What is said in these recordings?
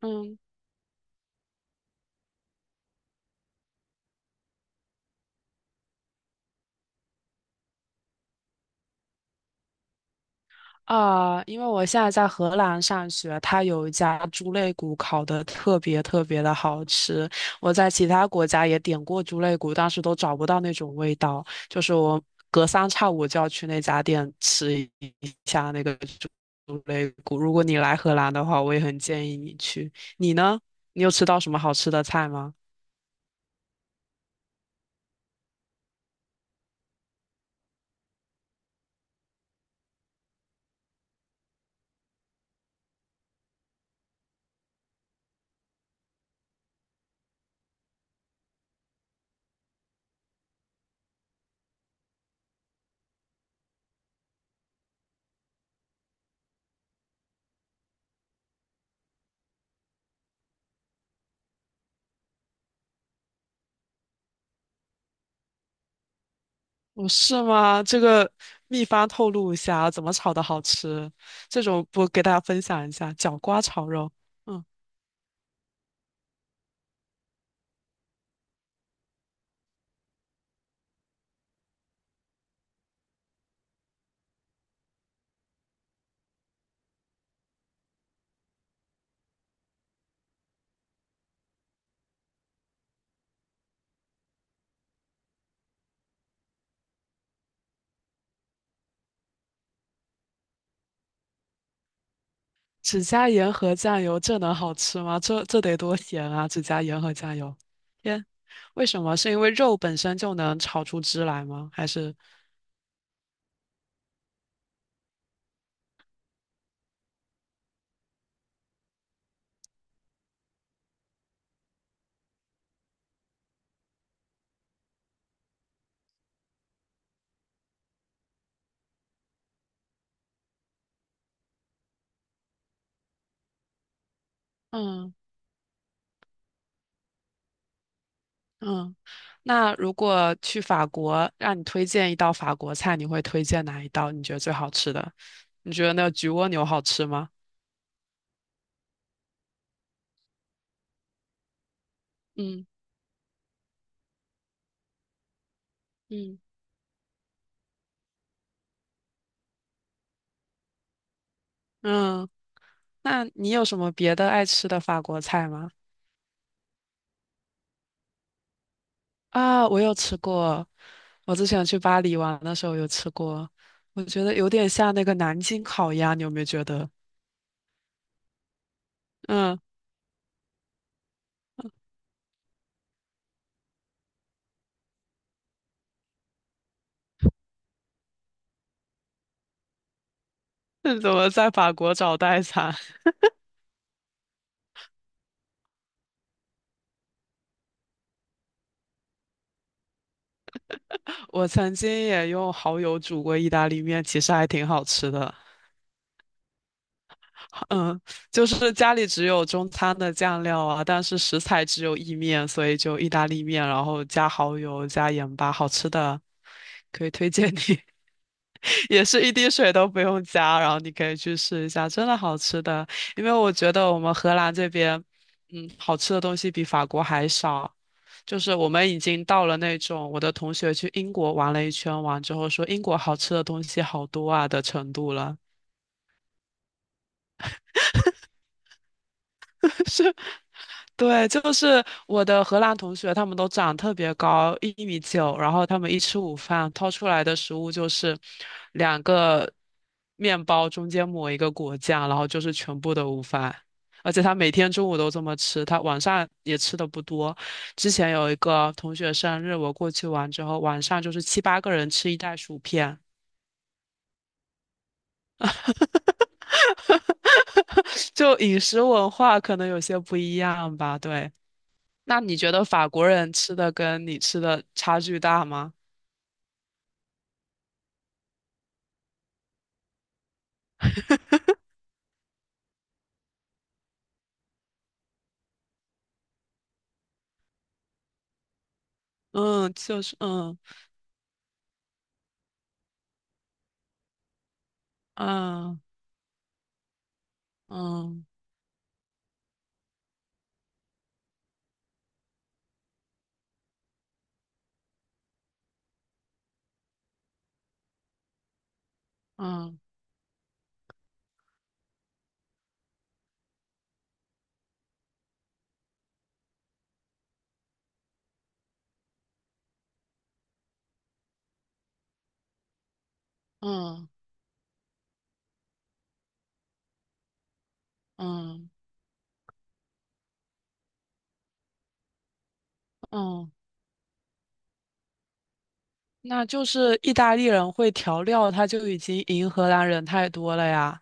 嗯啊，因为我现在在荷兰上学，它有一家猪肋骨烤得特别特别的好吃。我在其他国家也点过猪肋骨，但是都找不到那种味道。就是我隔三差五就要去那家店吃一下那个猪肋骨。如果你来荷兰的话，我也很建议你去。你呢？你有吃到什么好吃的菜吗？哦，是吗？这个秘方透露一下啊，怎么炒的好吃？这种不给大家分享一下，角瓜炒肉。嗯，只加盐和酱油，这能好吃吗？这得多咸啊！只加盐和酱油，天，为什么？是因为肉本身就能炒出汁来吗？还是？嗯嗯，那如果去法国，让你推荐一道法国菜，你会推荐哪一道？你觉得最好吃的？你觉得那个焗蜗牛好吃吗？嗯嗯嗯。那你有什么别的爱吃的法国菜吗？啊，我有吃过，我之前去巴黎玩的时候有吃过，我觉得有点像那个南京烤鸭，你有没有觉得？嗯，那怎么在法国找代餐？我曾经也用蚝油煮过意大利面，其实还挺好吃的。嗯，就是家里只有中餐的酱料啊，但是食材只有意面，所以就意大利面，然后加蚝油加盐巴，好吃的，可以推荐你。也是一滴水都不用加，然后你可以去试一下，真的好吃的。因为我觉得我们荷兰这边，嗯，好吃的东西比法国还少。就是我们已经到了那种我的同学去英国玩了一圈，玩之后说英国好吃的东西好多啊的程度了。对，就是我的荷兰同学，他们都长特别高，1.9米，然后他们一吃午饭，掏出来的食物就是两个面包，中间抹一个果酱，然后就是全部的午饭。而且他每天中午都这么吃，他晚上也吃的不多。之前有一个同学生日，我过去玩之后，晚上就是七八个人吃一袋薯片，就饮食文化可能有些不一样吧。对，那你觉得法国人吃的跟你吃的差距大吗？嗯，就是嗯嗯嗯嗯嗯嗯嗯，那就是意大利人会调料，他就已经赢荷兰人太多了呀。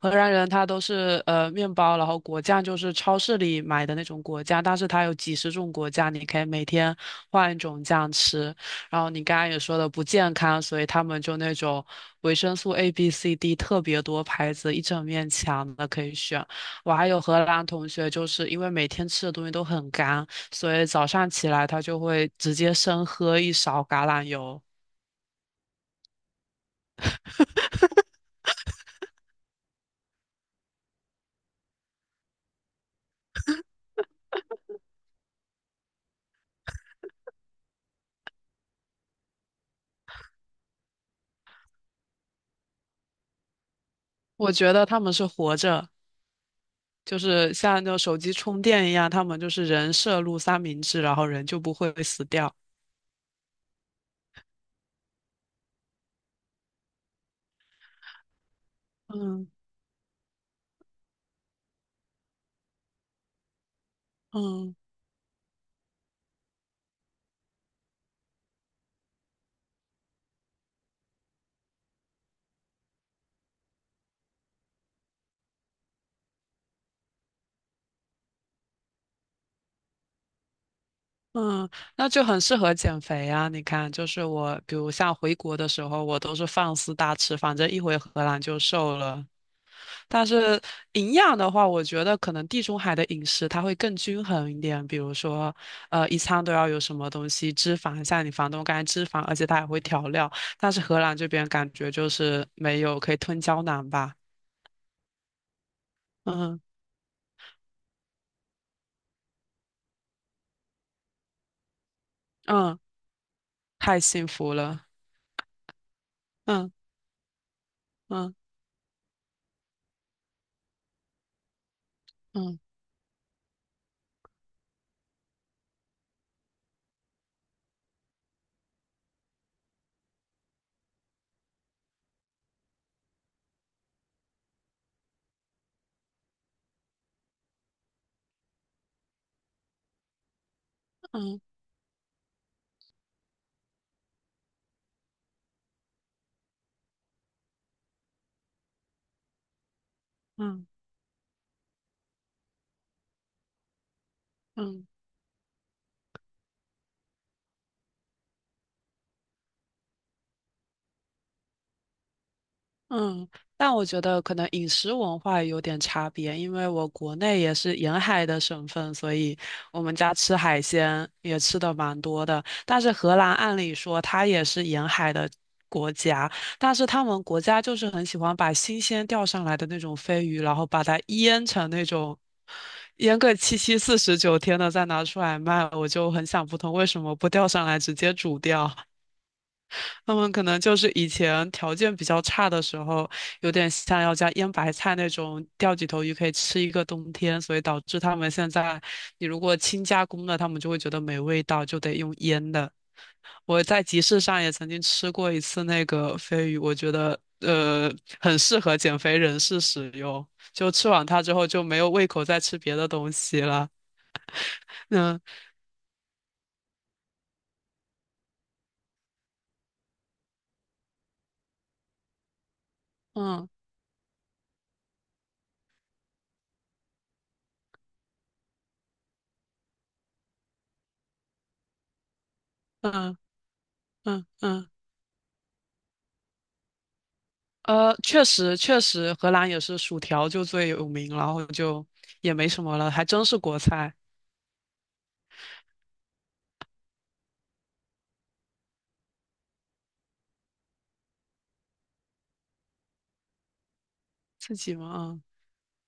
荷兰人他都是面包，然后果酱就是超市里买的那种果酱，但是它有几十种果酱，你可以每天换一种酱吃。然后你刚刚也说的不健康，所以他们就那种维生素 A、B、C、D 特别多牌子，一整面墙的可以选。我还有荷兰同学，就是因为每天吃的东西都很干，所以早上起来他就会直接生喝一勺橄榄油。我觉得他们是活着。就是像那种手机充电一样，他们就是人摄入三明治，然后人就不会死掉。嗯嗯嗯，那就很适合减肥啊！你看，就是我，比如像回国的时候，我都是放肆大吃，反正一回荷兰就瘦了。但是营养的话，我觉得可能地中海的饮食它会更均衡一点，比如说，一餐都要有什么东西，脂肪，像你房东刚才脂肪，而且它也会调料。但是荷兰这边感觉就是没有，可以吞胶囊吧。嗯。嗯，太幸福了。嗯嗯嗯嗯嗯嗯。嗯，但我觉得可能饮食文化有点差别，因为我国内也是沿海的省份，所以我们家吃海鲜也吃的蛮多的。但是荷兰按理说它也是沿海的国家，但是他们国家就是很喜欢把新鲜钓上来的那种飞鱼，然后把它腌成那种腌个七七四十九天的再拿出来卖，我就很想不通为什么不钓上来直接煮掉。他们可能就是以前条件比较差的时候，有点像要加腌白菜那种钓几头鱼可以吃一个冬天，所以导致他们现在，你如果轻加工的，他们就会觉得没味道，就得用腌的。我在集市上也曾经吃过一次那个飞鱼，我觉得很适合减肥人士使用，就吃完它之后就没有胃口再吃别的东西了。嗯嗯嗯嗯嗯。确实确实，荷兰也是薯条就最有名，然后就也没什么了，还真是国菜，自己嘛，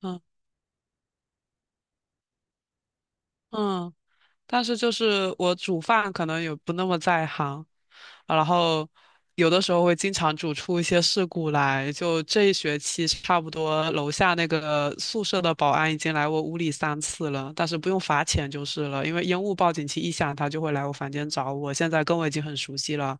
嗯嗯嗯。但是就是我煮饭可能也不那么在行，啊然后有的时候会经常煮出一些事故来。就这一学期，差不多楼下那个宿舍的保安已经来我屋里三次了，但是不用罚钱就是了，因为烟雾报警器一响，他就会来我房间找我。现在跟我已经很熟悉了。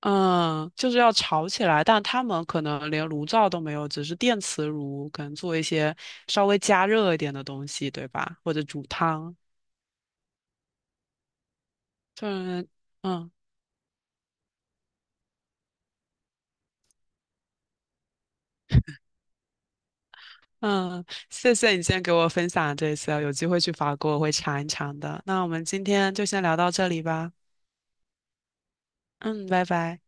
嗯，就是要炒起来，但他们可能连炉灶都没有，只是电磁炉，可能做一些稍微加热一点的东西，对吧？或者煮汤，就是嗯嗯，谢谢你今天给我分享这些，有机会去法国我会尝一尝的。那我们今天就先聊到这里吧，嗯，拜拜。